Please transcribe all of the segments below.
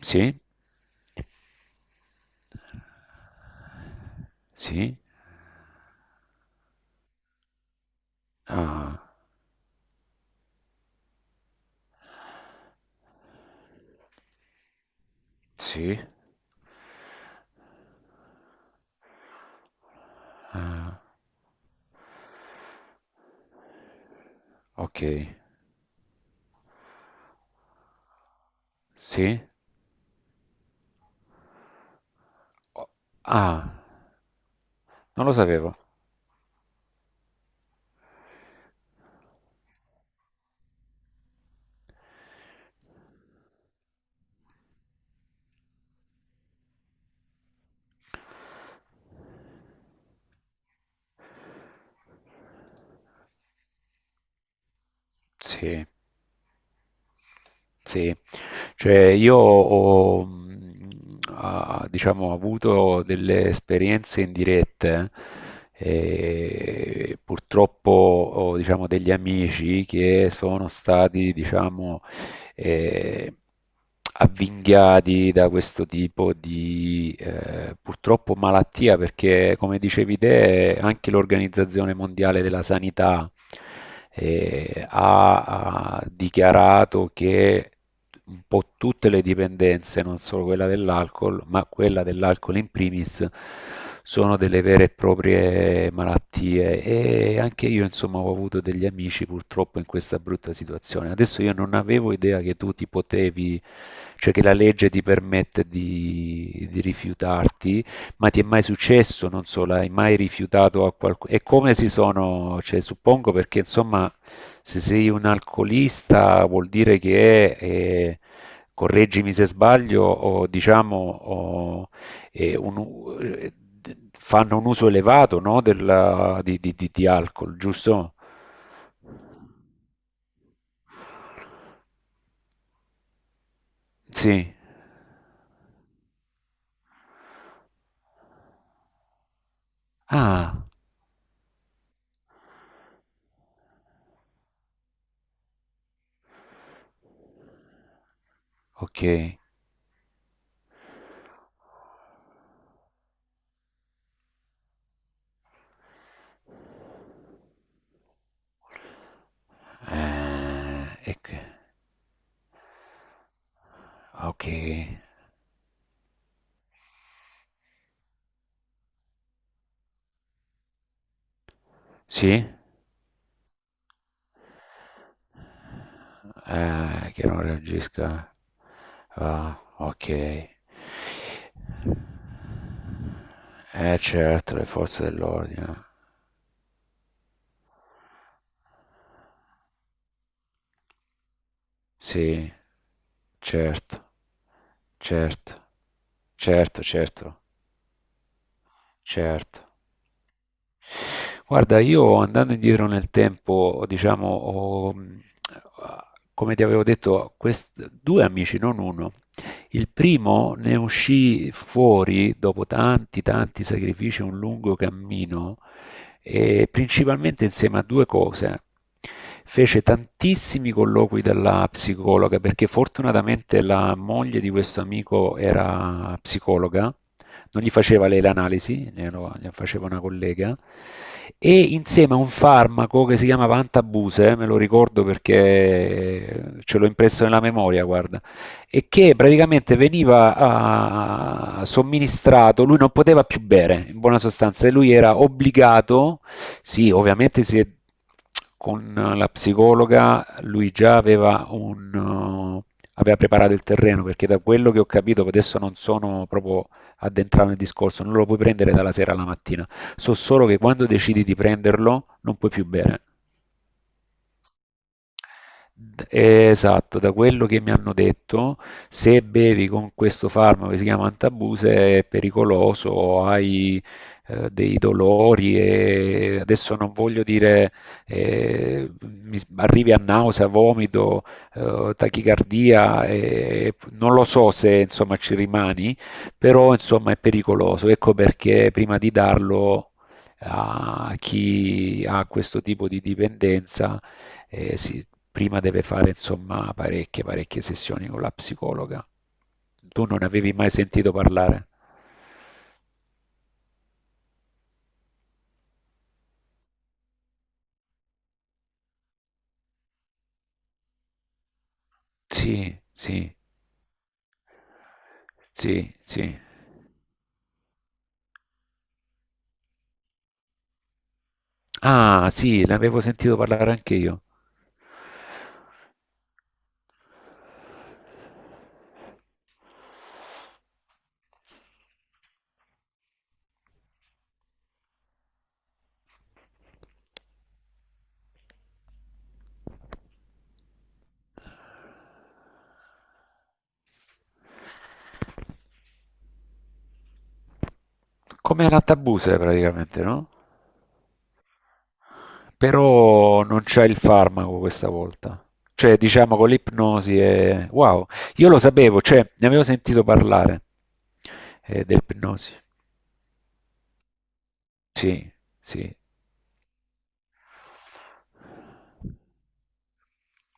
Sì, sì, ah, sì, ah, ok, sì, o- ah, non lo sapevo. Sì, sì, cioè io ho, diciamo, avuto delle esperienze indirette. Purtroppo ho, diciamo, degli amici che sono stati, diciamo, eh, avvinghiati da questo tipo di purtroppo malattia, perché come dicevi te, anche l'Organizzazione Mondiale della Sanità ha dichiarato che un po' tutte le dipendenze, non solo quella dell'alcol, ma quella dell'alcol in primis, sono delle vere e proprie malattie. E anche io insomma ho avuto degli amici purtroppo in questa brutta situazione. Adesso io non avevo idea che tu ti potevi, cioè che la legge ti permette di rifiutarti. Ma ti è mai successo? Non so, l'hai mai rifiutato a qualcuno? E come si sono, cioè, suppongo perché insomma, se sei un alcolista vuol dire che è, correggimi se sbaglio, o diciamo, o, eh, un u- eh, fanno un uso elevato, no, di alcol, giusto? Sì. Ah, ok. Ecco. Ok. Sì? Che non reagisca. Ah, ok. Certo, le forze dell'ordine. Sì, certo, certo, certo, certo, certo. Guarda, io andando indietro nel tempo, diciamo, ho, come ti avevo detto, due amici, non uno. Il primo ne uscì fuori dopo tanti, tanti sacrifici, un lungo cammino e principalmente insieme a due cose. Fece tantissimi colloqui dalla psicologa perché fortunatamente la moglie di questo amico era psicologa, non gli faceva lei l'analisi, gliela faceva una collega, e insieme a un farmaco che si chiamava Antabuse, me lo ricordo perché ce l'ho impresso nella memoria, guarda. E che praticamente veniva somministrato, lui non poteva più bere, in buona sostanza, e lui era obbligato, sì, ovviamente con la psicologa lui già aveva preparato il terreno, perché da quello che ho capito, adesso non sono proprio addentrato nel discorso, non lo puoi prendere dalla sera alla mattina, so solo che quando decidi di prenderlo non puoi più bere. Esatto, da quello che mi hanno detto, se bevi con questo farmaco che si chiama Antabuse è pericoloso, hai dei dolori e adesso non voglio dire, arrivi a nausea, vomito, tachicardia, non lo so se insomma ci rimani, però insomma è pericoloso. Ecco perché prima di darlo a chi ha questo tipo di dipendenza, sì, prima deve fare insomma parecchie, parecchie sessioni con la psicologa. Tu non avevi mai sentito parlare? Sì, sì, sì, sì. Ah, sì, l'avevo sentito parlare anche io. Come la tabuse praticamente, no? Però non c'è il farmaco questa volta. Cioè, diciamo con l'ipnosi è... Wow, io lo sapevo, cioè, ne avevo sentito parlare dell'ipnosi. Sì, sì,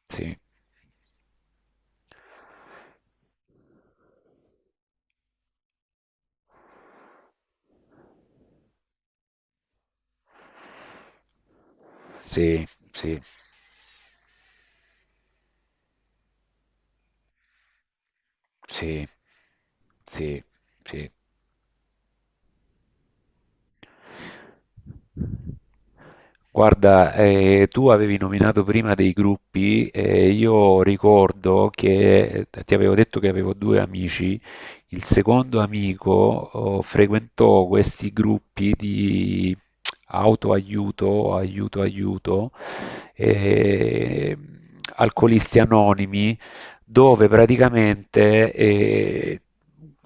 sì, sì, sì. Sì, sì, sì. Guarda, tu avevi nominato prima dei gruppi e io ricordo che ti avevo detto che avevo due amici. Il secondo amico frequentò questi gruppi di autoaiuto, eh, alcolisti anonimi, dove praticamente eh,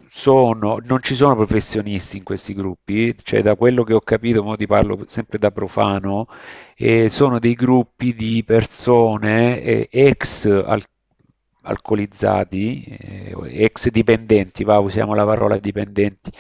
sono, non ci sono professionisti in questi gruppi, cioè da quello che ho capito, mo ti parlo sempre da profano, sono dei gruppi di persone, ex alcolizzati, ex dipendenti, va, usiamo la parola dipendenti,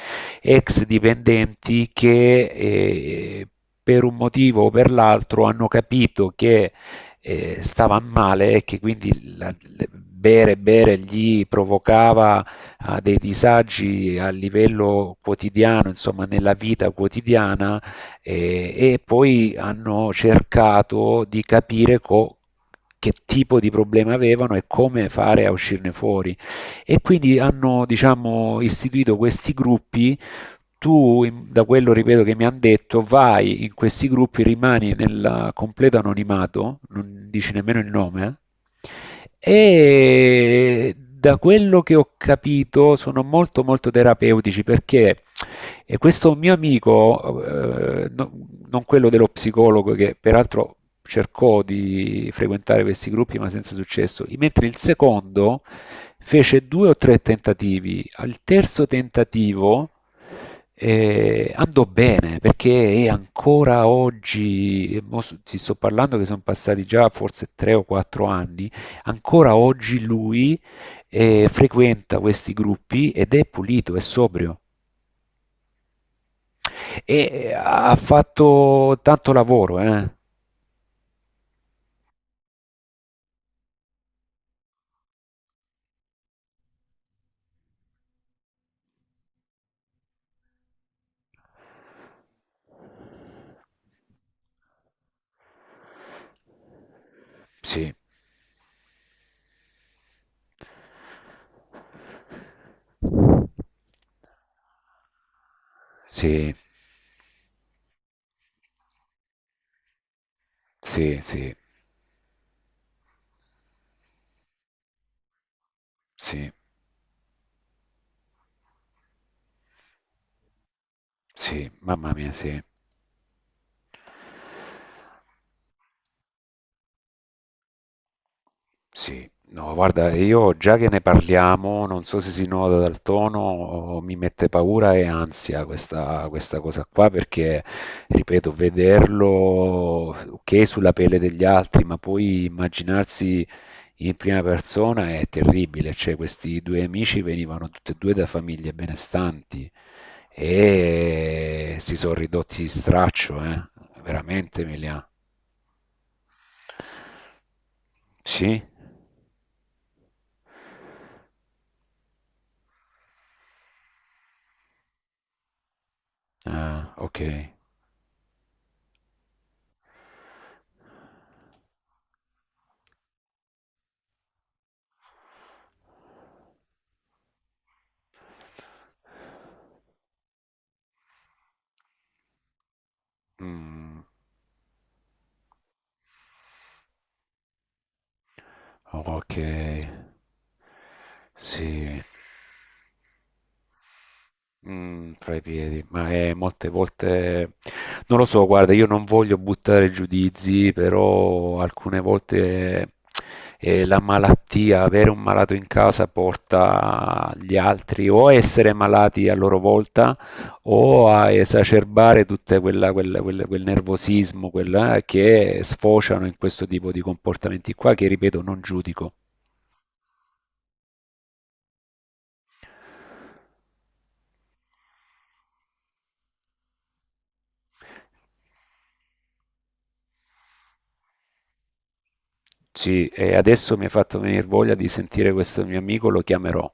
ex dipendenti che per un motivo o per l'altro hanno capito che stava male e che quindi bere gli provocava dei disagi a livello quotidiano, insomma nella vita quotidiana. E poi hanno cercato di capire, che tipo di problema avevano e come fare a uscirne fuori. E quindi hanno, diciamo, istituito questi gruppi. Da quello ripeto che mi hanno detto, vai in questi gruppi, rimani nel completo anonimato, non dici nemmeno il nome, eh? E da quello che ho capito sono molto molto terapeutici perché, e questo mio amico, non quello dello psicologo, che peraltro cercò di frequentare questi gruppi ma senza successo, mentre il secondo fece due o tre tentativi, al terzo tentativo e andò bene, perché è ancora oggi, e mo ti sto parlando che sono passati già forse 3 o 4 anni, ancora oggi lui frequenta questi gruppi ed è pulito, è sobrio, e ha fatto tanto lavoro, eh? Sì, sì, sì, sì, sì, sì, mamma mia, sì. Sì, no, guarda, io già che ne parliamo, non so se si nota dal tono, o mi mette paura e ansia questa, questa cosa qua, perché, ripeto, vederlo, ok, sulla pelle degli altri, ma poi immaginarsi in prima persona è terribile. Cioè, questi due amici venivano tutti e due da famiglie benestanti e si sono ridotti di straccio, eh? Veramente, Emilia. Sì? Ah, ok. Mm. Ok, sì. Fra i piedi, ma è molte volte, non lo so, guarda, io non voglio buttare giudizi, però alcune volte la malattia, avere un malato in casa porta gli altri o a essere malati a loro volta o a esacerbare tutto quel, quel nervosismo, quella, che sfociano in questo tipo di comportamenti qua, che ripeto, non giudico. Sì, e adesso mi hai fatto venir voglia di sentire questo mio amico, lo chiamerò.